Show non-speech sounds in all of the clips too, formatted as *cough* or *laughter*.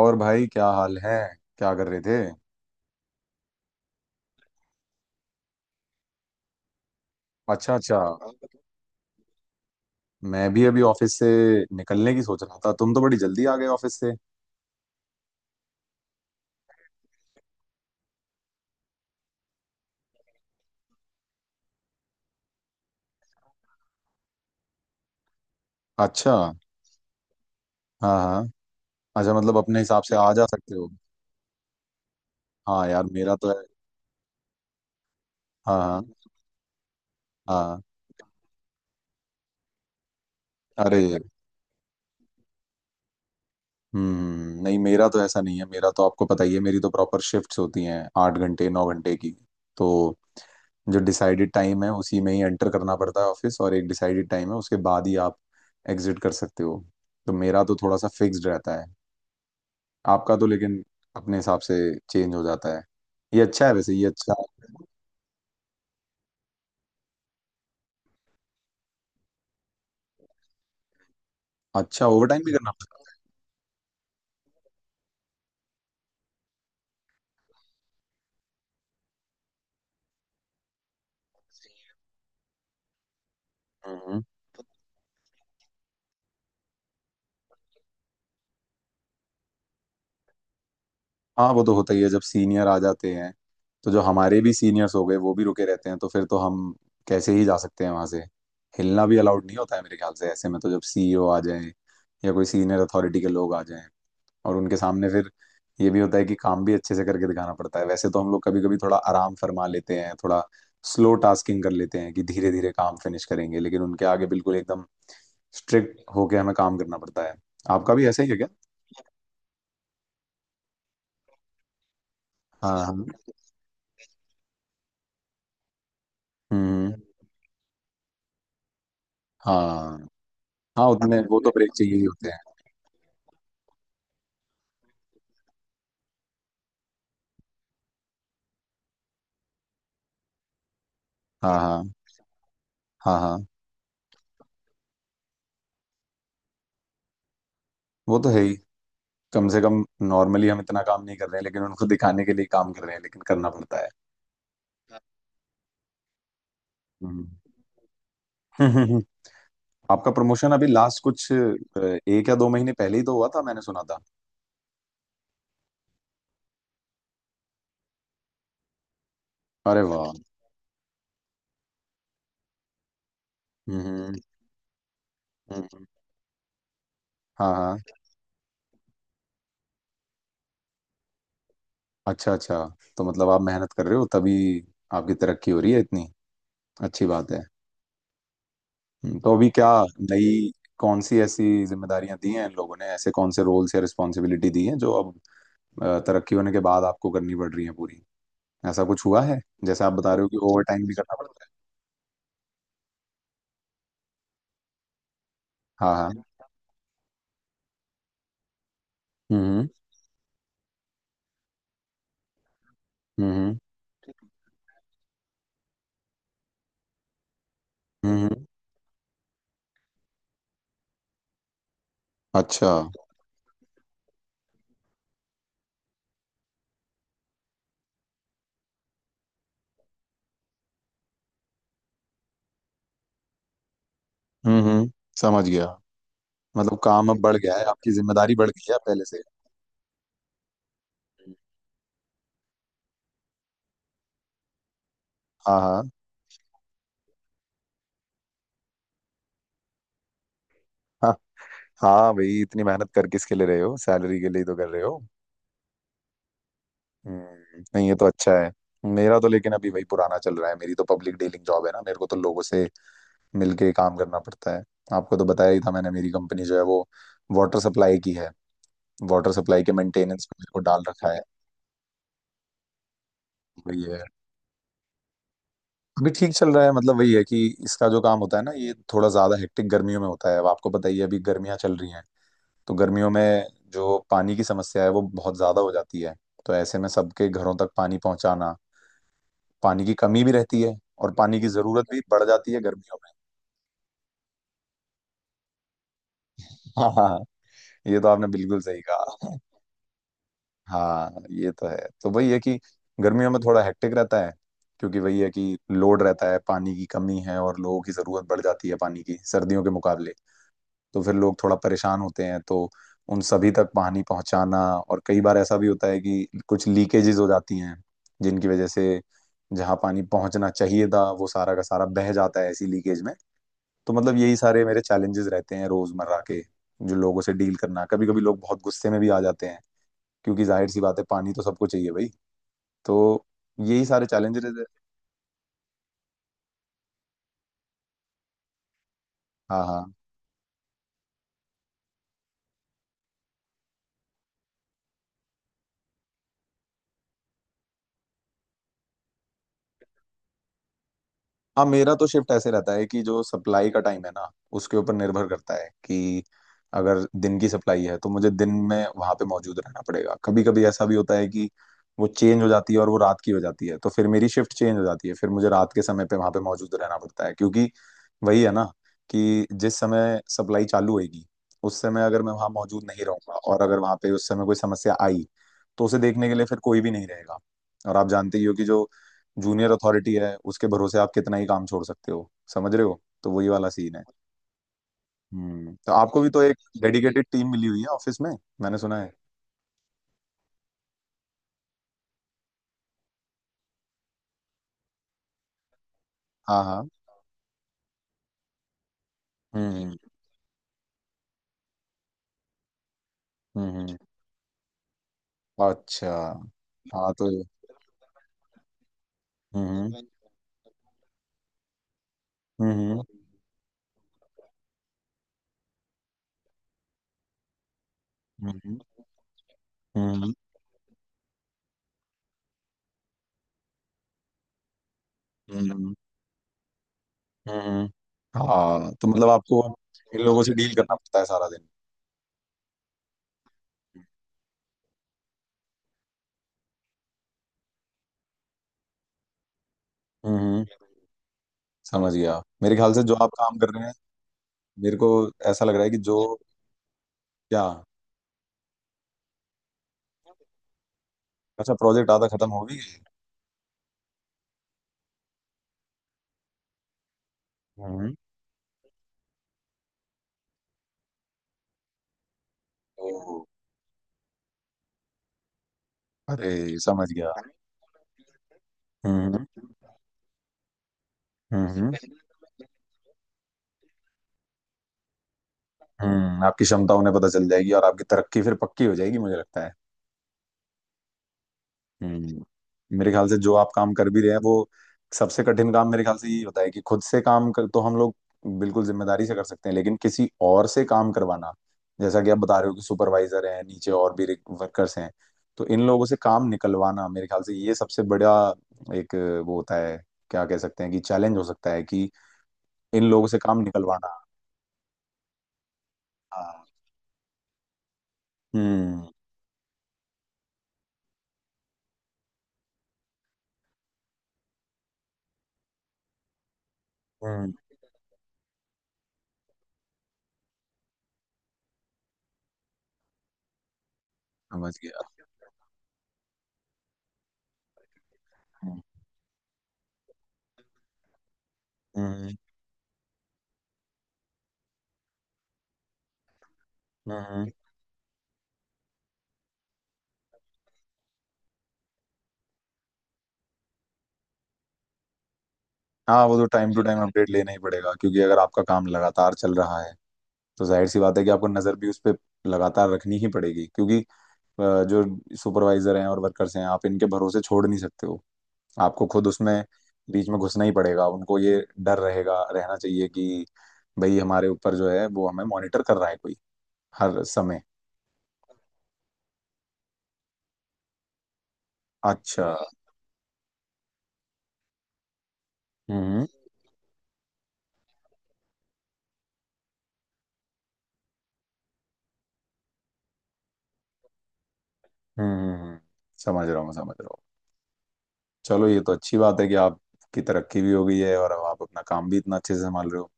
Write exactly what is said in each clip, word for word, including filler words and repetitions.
और भाई, क्या हाल है? क्या कर रहे थे? अच्छा, अच्छा। मैं भी अभी ऑफिस से निकलने की सोच रहा था। तुम तो बड़ी जल्दी आ गए ऑफिस से। अच्छा। हाँ हाँ। अच्छा, मतलब अपने हिसाब से आ जा सकते हो। हाँ यार, मेरा तो है। हाँ हाँ। हाँ। अरे। हम्म हम्म। नहीं, मेरा तो ऐसा नहीं है। मेरा तो आपको पता ही है, मेरी तो प्रॉपर शिफ्ट्स होती हैं, आठ घंटे नौ घंटे की। तो जो डिसाइडेड टाइम है उसी में ही एंटर करना पड़ता है ऑफिस, और एक डिसाइडेड टाइम है उसके बाद ही आप एग्जिट कर सकते हो। तो मेरा तो थोड़ा सा फिक्स्ड रहता है। आपका तो लेकिन अपने हिसाब से चेंज हो जाता है। ये अच्छा है, वैसे ये अच्छा है। अच्छा, ओवर टाइम भी करना पड़ता है। हम्म। हाँ, वो तो होता ही है जब सीनियर आ जाते हैं। तो जो हमारे भी सीनियर्स हो गए वो भी रुके रहते हैं, तो फिर तो हम कैसे ही जा सकते हैं वहां से। हिलना भी अलाउड नहीं होता है मेरे ख्याल से ऐसे में, तो जब सीईओ आ जाए या कोई सीनियर अथॉरिटी के लोग आ जाएं और उनके सामने फिर ये भी होता है कि काम भी अच्छे से करके दिखाना पड़ता है। वैसे तो हम लोग कभी कभी थोड़ा आराम फरमा लेते हैं, थोड़ा स्लो टास्किंग कर लेते हैं कि धीरे धीरे काम फिनिश करेंगे, लेकिन उनके आगे बिल्कुल एकदम स्ट्रिक्ट होके हमें काम करना पड़ता है। आपका भी ऐसा ही है क्या? हाँ हाँ। हम्म। हाँ हाँ, उतने वो तो ब्रेक चाहिए ही होते हैं। हाँ हाँ। हाँ हाँ। वो तो है ही। कम से कम नॉर्मली हम इतना काम नहीं कर रहे हैं लेकिन उनको दिखाने के लिए काम कर रहे हैं, लेकिन करना पड़ता है। हम्म। *laughs* आपका प्रमोशन अभी लास्ट कुछ अ, एक या दो महीने पहले ही तो हुआ था, मैंने सुना था। अरे वाह। हम्म हम्म, हम्म। हाँ हाँ। अच्छा अच्छा, तो मतलब आप मेहनत कर रहे हो तभी आपकी तरक्की हो रही है इतनी। अच्छी बात है। हम्म, तो अभी क्या नई कौन सी ऐसी जिम्मेदारियां दी हैं इन लोगों ने, ऐसे कौन से रोल्स या रिस्पॉन्सिबिलिटी दी हैं जो अब अ, तरक्की होने के बाद आपको करनी पड़ रही है पूरी? ऐसा कुछ हुआ है? जैसे आप बता रहे हो कि ओवर टाइम भी करना पड़ता है। हाँ हाँ। हम्म हम्म। हम्म हम्म, हम्म। अच्छा। हम्म हम्म। समझ गया। मतलब काम अब बढ़ गया है, आपकी जिम्मेदारी बढ़ गई है पहले से। हाँ हाँ। हाँ। हाँ भाई, इतनी मेहनत कर किसके लिए रहे हो? सैलरी के लिए ही तो कर रहे हो। हम्म, नहीं ये तो अच्छा है। मेरा तो लेकिन अभी वही पुराना चल रहा है। मेरी तो पब्लिक डीलिंग जॉब है ना, मेरे को तो लोगों से मिलके काम करना पड़ता है। आपको तो बताया ही था मैंने, मेरी कंपनी जो है वो वाटर सप्लाई की है। वाटर सप्लाई के मेंटेनेंस में मेरे को डाल रखा है। वही है। अभी ठीक चल रहा है, मतलब वही है कि इसका जो काम होता है ना, ये थोड़ा ज्यादा हेक्टिक गर्मियों में होता है। अब आपको पता ही है, अभी गर्मियां चल रही हैं। तो गर्मियों में जो पानी की समस्या है वो बहुत ज़्यादा हो जाती है। तो ऐसे में सबके घरों तक पानी पहुंचाना, पानी की कमी भी रहती है और पानी की ज़रूरत भी बढ़ जाती है गर्मियों में। *laughs* हाँ हाँ। ये तो आपने बिल्कुल सही कहा। *laughs* हाँ, ये तो है। तो वही है कि गर्मियों में थोड़ा हेक्टिक रहता है, क्योंकि वही है कि लोड रहता है, पानी की कमी है और लोगों की ज़रूरत बढ़ जाती है पानी की सर्दियों के मुकाबले। तो फिर लोग थोड़ा परेशान होते हैं, तो उन सभी तक पानी पहुंचाना। और कई बार ऐसा भी होता है कि कुछ लीकेजेस हो जाती हैं, जिनकी वजह से जहाँ पानी पहुंचना चाहिए था वो सारा का सारा बह जाता है ऐसी लीकेज में। तो मतलब यही सारे मेरे चैलेंजेस रहते हैं रोजमर्रा के, जो लोगों से डील करना। कभी कभी लोग बहुत गुस्से में भी आ जाते हैं, क्योंकि जाहिर सी बात है पानी तो सबको चाहिए भाई। तो यही सारे चैलेंजेस। हाँ हाँ। हाँ, मेरा तो शिफ्ट ऐसे रहता है कि जो सप्लाई का टाइम है ना उसके ऊपर निर्भर करता है कि अगर दिन की सप्लाई है तो मुझे दिन में वहां पे मौजूद रहना पड़ेगा। कभी कभी ऐसा भी होता है कि वो चेंज हो जाती है और वो रात की हो जाती है, तो फिर मेरी शिफ्ट चेंज हो जाती है, फिर मुझे रात के समय पे वहां पे मौजूद रहना पड़ता है। क्योंकि वही है ना, कि जिस समय सप्लाई चालू होगी, उस समय अगर मैं वहां मौजूद नहीं रहूंगा और अगर वहां पे उस समय कोई समस्या आई, तो उसे देखने के लिए फिर कोई भी नहीं रहेगा। और आप जानते ही हो कि जो जूनियर अथॉरिटी है उसके भरोसे आप कितना ही काम छोड़ सकते हो, समझ रहे हो, तो वही वाला सीन है। हम्म, तो आपको भी तो एक डेडिकेटेड टीम मिली हुई है ऑफिस में, मैंने सुना है। हाँ हाँ। हम्म हम्म। हम्म हम्म, अच्छा। हाँ तो। हम्म हम्म। हम्म हम्म। हम्म हम्म। हम्म, हम्म, हम्म। हाँ, तो मतलब आपको इन लोगों से डील करना पड़ता है सारा दिन। हम्म हम्म, समझ गया। मेरे ख्याल से जो आप काम कर रहे हैं, मेरे को ऐसा लग रहा है कि जो क्या? अच्छा, प्रोजेक्ट आधा खत्म हो भी गया है। हम्म। ओह। अरे, समझ गया। हम्म हम्म। हम्म। आपकी क्षमता उन्हें पता चल जाएगी और आपकी तरक्की फिर पक्की हो जाएगी, मुझे लगता है। हम्म। मेरे ख्याल से जो आप काम कर भी रहे हैं वो सबसे कठिन काम मेरे ख्याल से यही होता है, कि खुद से काम कर तो हम लोग बिल्कुल जिम्मेदारी से कर सकते हैं, लेकिन किसी और से काम करवाना, जैसा कि आप बता रहे हो कि सुपरवाइजर हैं नीचे और भी वर्कर्स हैं, तो इन लोगों से काम निकलवाना मेरे ख्याल से ये सबसे बड़ा एक वो होता है, क्या कह सकते हैं कि चैलेंज हो सकता है कि इन लोगों से काम निकलवाना। हाँ। हम्म हम्म। समझ गया। हम्म हम्म। हम्म। हाँ, वो तो टाइम टू टाइम अपडेट लेना ही पड़ेगा, क्योंकि अगर आपका काम लगातार चल रहा है तो जाहिर सी बात है कि आपको नजर भी उस पर लगातार रखनी ही पड़ेगी, क्योंकि अ, जो सुपरवाइजर हैं और वर्कर्स हैं आप इनके भरोसे छोड़ नहीं सकते हो। आपको खुद उसमें बीच में घुसना ही पड़ेगा, उनको ये डर रहेगा, रहना चाहिए कि भाई हमारे ऊपर जो है वो हमें मॉनिटर कर रहा है कोई हर समय। अच्छा। हम्म हम्म। हम्म, हम्म, समझ रहा हूँ, समझ रहा हूँ। चलो, ये तो अच्छी बात है कि आपकी तरक्की भी हो गई है और अब आप अपना काम भी इतना अच्छे से संभाल रहे हो।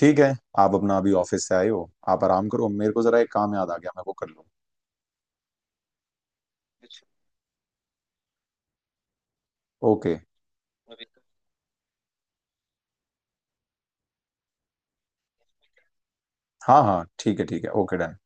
ठीक है, आप अपना अभी ऑफिस से आए हो, आप आराम करो, मेरे को जरा एक काम याद आ गया, मैं वो कर लूँ। ओके। हाँ हाँ, ठीक है, ठीक है, ओके डन।